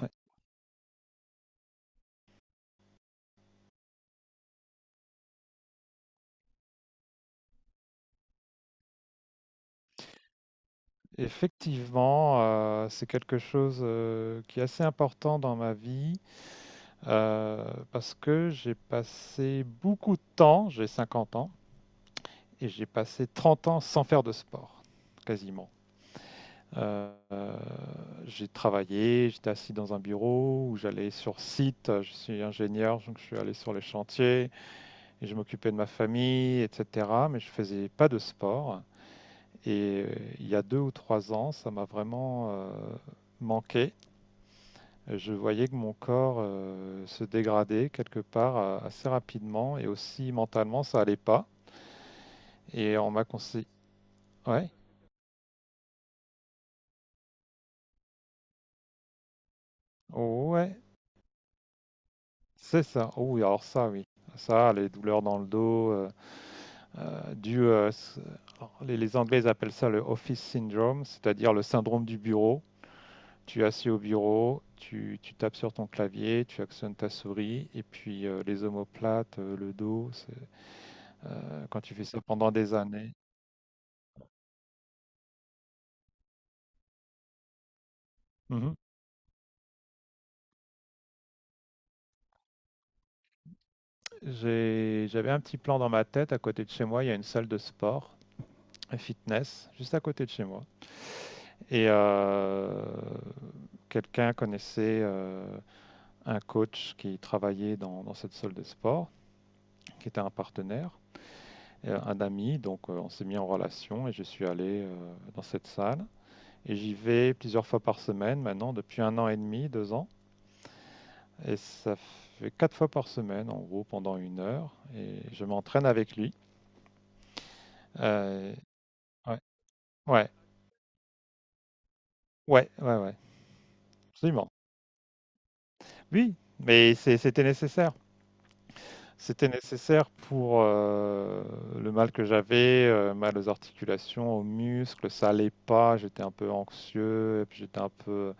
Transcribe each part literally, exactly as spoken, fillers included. Ouais. Effectivement, euh, c'est quelque chose euh, qui est assez important dans ma vie, euh, parce que j'ai passé beaucoup de temps, j'ai cinquante ans, et j'ai passé trente ans sans faire de sport, quasiment. Euh, euh, j'ai travaillé, j'étais assis dans un bureau où j'allais sur site, euh, je suis ingénieur, donc je suis allé sur les chantiers et je m'occupais de ma famille, et cetera. Mais je faisais pas de sport. Et euh, il y a deux ou trois ans, ça m'a vraiment euh, manqué. Je voyais que mon corps euh, se dégradait quelque part, euh, assez rapidement, et aussi mentalement, ça allait pas. Et on m'a conseillé. Ouais, Oh, ouais, c'est ça. Oh, oui, alors ça, oui. Ça, les douleurs dans le dos, euh, euh, du, euh, s- alors, les, les Anglais ils appellent ça le office syndrome, c'est-à-dire le syndrome du bureau. Tu es assis au bureau, tu, tu tapes sur ton clavier, tu actionnes ta souris, et puis euh, les omoplates, euh, le dos, c'est- euh, quand tu fais ça pendant des années. Mhm. J'ai, j'avais un petit plan dans ma tête. À côté de chez moi, il y a une salle de sport, un fitness, juste à côté de chez moi. Et euh, quelqu'un connaissait euh, un coach qui travaillait dans, dans cette salle de sport, qui était un partenaire, euh, un ami, donc euh, on s'est mis en relation et je suis allé euh, dans cette salle. Et j'y vais plusieurs fois par semaine maintenant, depuis un an et demi, deux ans. Et ça fait quatre fois par semaine, en gros, pendant une heure. Et je m'entraîne avec lui. Euh, ouais, ouais, ouais, ouais, ouais, absolument. Oui, mais c'est- c'était nécessaire. C'était nécessaire pour euh, le mal que j'avais, euh, mal aux articulations, aux muscles, ça allait pas, j'étais un peu anxieux, et puis j'étais un peu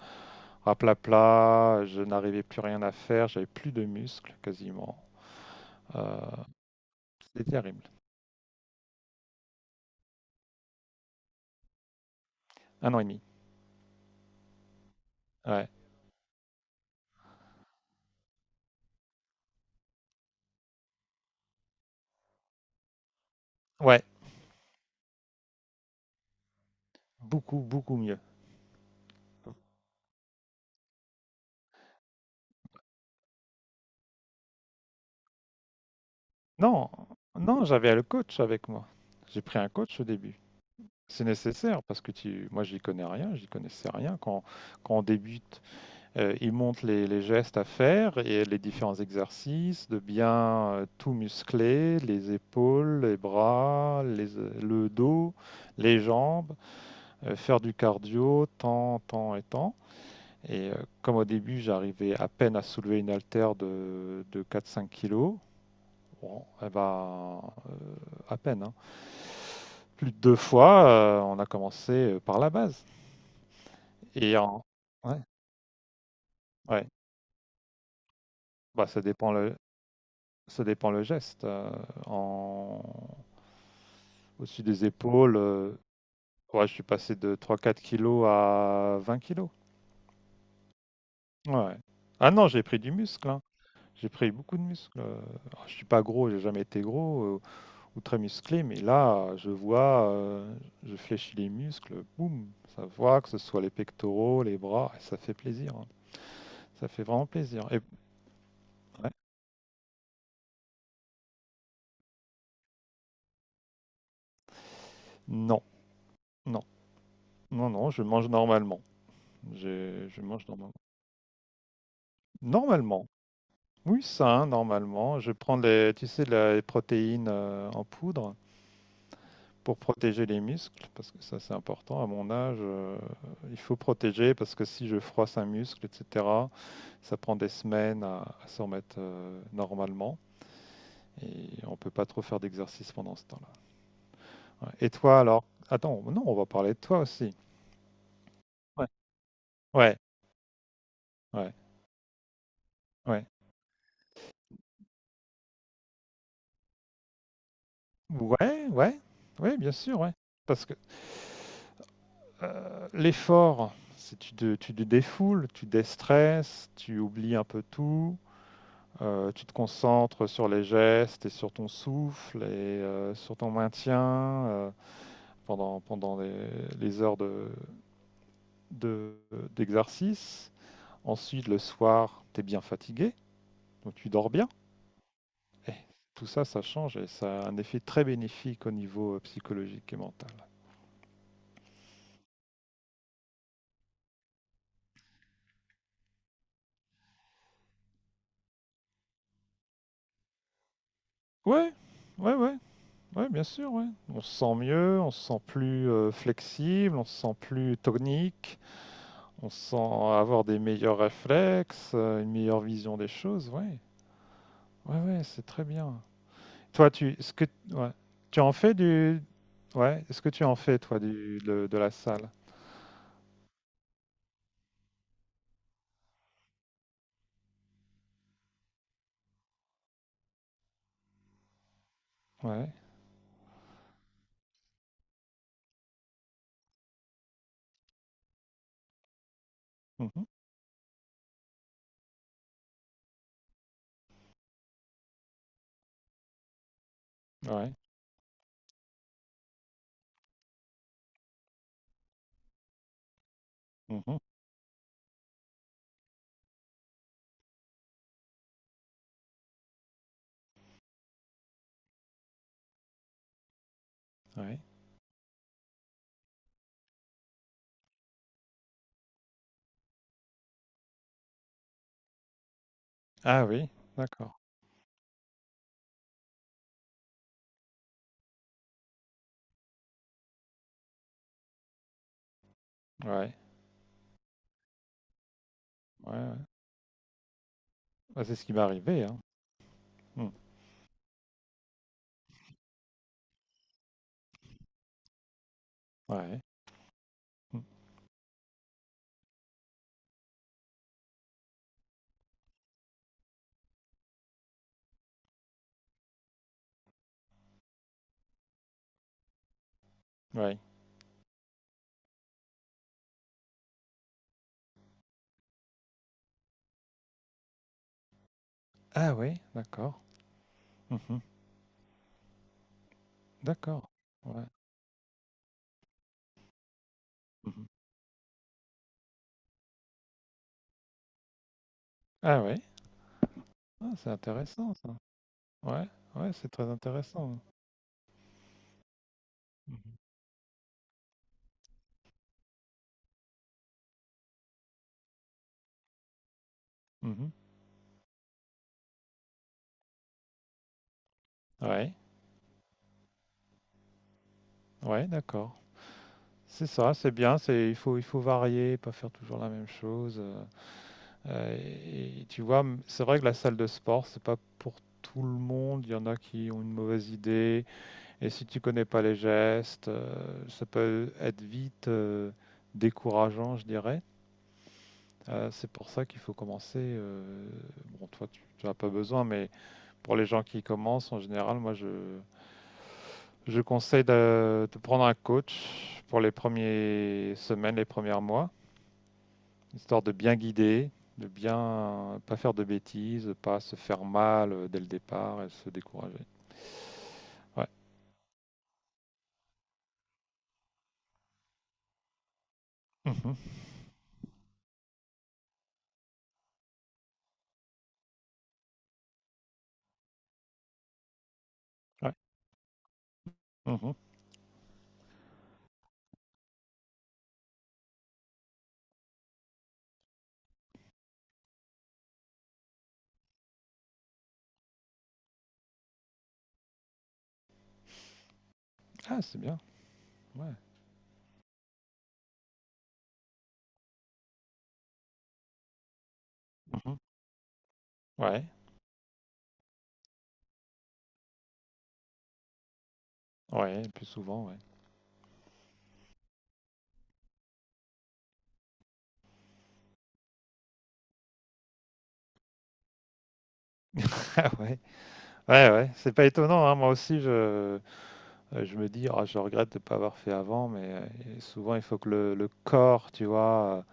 raplapla, je n'arrivais plus rien à faire, j'avais plus de muscles quasiment. Euh, c'était terrible. Un an et demi. Ouais. Ouais. Beaucoup, beaucoup mieux. Non, non, j'avais le coach avec moi. J'ai pris un coach au début. C'est nécessaire parce que tu... moi, j'y connais rien, j'y connaissais rien. Quand, quand on débute, euh, il montre les, les gestes à faire et les différents exercices, de bien euh, tout muscler, les épaules, les bras, les- le dos, les jambes, euh, faire du cardio, tant, tant et tant. Et euh, comme au début, j'arrivais à peine à soulever une haltère de, de quatre cinq kilos, bon, eh ben, euh, à peine, hein. Plus de deux fois, euh, on a commencé euh, par la base. Et en... Ouais, ouais. Bah, ça dépend le, ça dépend le geste. euh, en... Au-dessus des épaules, euh, ouais, je suis passé de trois quatre kilos à vingt kilos. Ouais. Ah non, j'ai pris du muscle, hein. J'ai pris beaucoup de muscle. euh. Ah, Je suis pas gros, j'ai jamais été gros. euh, ou très musclé, mais là, je vois, euh, je fléchis les muscles, boum, ça voit que ce soit les pectoraux, les bras, et ça fait plaisir, hein. Ça fait vraiment plaisir. Et ouais, non, non, non, non, je mange normalement, je, je mange normalement, normalement, oui, sain, normalement, je prends les, tu sais, les protéines euh, en poudre pour protéger les muscles, parce que ça c'est important à mon âge, euh, il faut protéger parce que si je froisse un muscle, et cetera. Ça prend des semaines à, à s'en remettre, euh, normalement, et on peut pas trop faire d'exercice pendant ce temps-là. Ouais. Et toi alors? Attends, non, on va parler de toi aussi. Ouais, ouais, ouais, ouais. Ouais, ouais, ouais, bien sûr, ouais. Parce que euh, l'effort, c'est tu te, tu te défoules, tu déstresses, tu oublies un peu tout, euh, tu te concentres sur les gestes et sur ton souffle et euh, sur ton maintien, euh, pendant, pendant les, les heures de, de d'exercice. Ensuite, le soir, tu es bien fatigué, donc tu dors bien. Et tout ça, ça change et ça a un effet très bénéfique au niveau euh, psychologique et mental. Ouais, ouais, ouais, ouais, bien sûr, ouais. On se sent mieux, on se sent plus euh, flexible, on se sent plus tonique, on se sent avoir des meilleurs réflexes, euh, une meilleure vision des choses, ouais. Ouais, ouais, c'est très bien. Toi, tu, ce que, ouais, tu en fais du, ouais, est-ce que tu en fais, toi, du, de, de la salle? Ouais. Mmh. Ouais. Mmh. Ouais. Ah oui, d'accord. Ouais. Ouais, ouais. Bah, c'est ce qui m'est arrivé, hein. Mmh. Ouais. Mmh. Ouais. Ah oui, d'accord. Mmh. D'accord. Ouais. Mmh. Ah oui. Ah, c'est intéressant ça. Ouais, ouais, c'est très intéressant. Mmh mh. Mmh. Ouais. Ouais, d'accord. C'est ça, c'est bien, c'est il faut il faut varier, pas faire toujours la même chose. heu heu et et tu vois, mmh, c'est vrai que la salle de sport, c'est pas pour tout le monde. Il y en a qui ont une mauvaise idée. Et si tu connais pas les gestes, euh, ça peut être vite, euh, décourageant, je dirais. Euh, c'est pour ça qu'il faut commencer. Euh, bon, toi, tu, n'as pas besoin, mais pour les gens qui commencent, en général, moi, je, je conseille de, de prendre un coach pour les premières semaines, les premiers mois, histoire de bien guider, de bien pas faire de bêtises, de pas se faire mal, euh, dès le départ et se décourager. Ouais. Mhm. Ouais. Mhm. Ah, c'est bien. Ouais. Mmh. Ouais, ouais, plus souvent, ouais. Ah, ouais, ouais, ouais, c'est pas étonnant, hein. Moi aussi, je, heu, je me dis: «Ah, je regrette de ne pas avoir fait avant», mais heu, souvent, il faut que le le corps, tu vois, heu,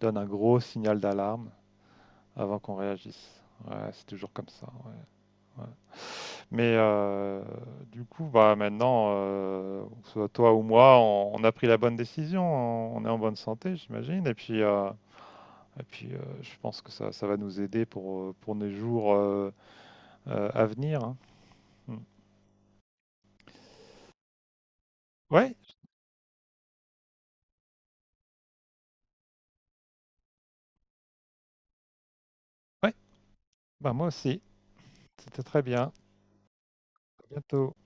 donne un gros signal d'alarme avant qu'on réagisse. Ouais, c'est toujours comme ça, ouais, ouais. Mais heu, du coup, bah, maintenant, heu, que ce soit toi ou moi, on on a pris la bonne décision, on on est en bonne santé, j'imagine, et puis, heu et puis, heu, je pense que ça ça va nous aider pour, heu, pour nos jours, euh, euh, à venir, hein. Mm. Ouais, ouais, bah moi aussi. C'était très bien. À bientôt.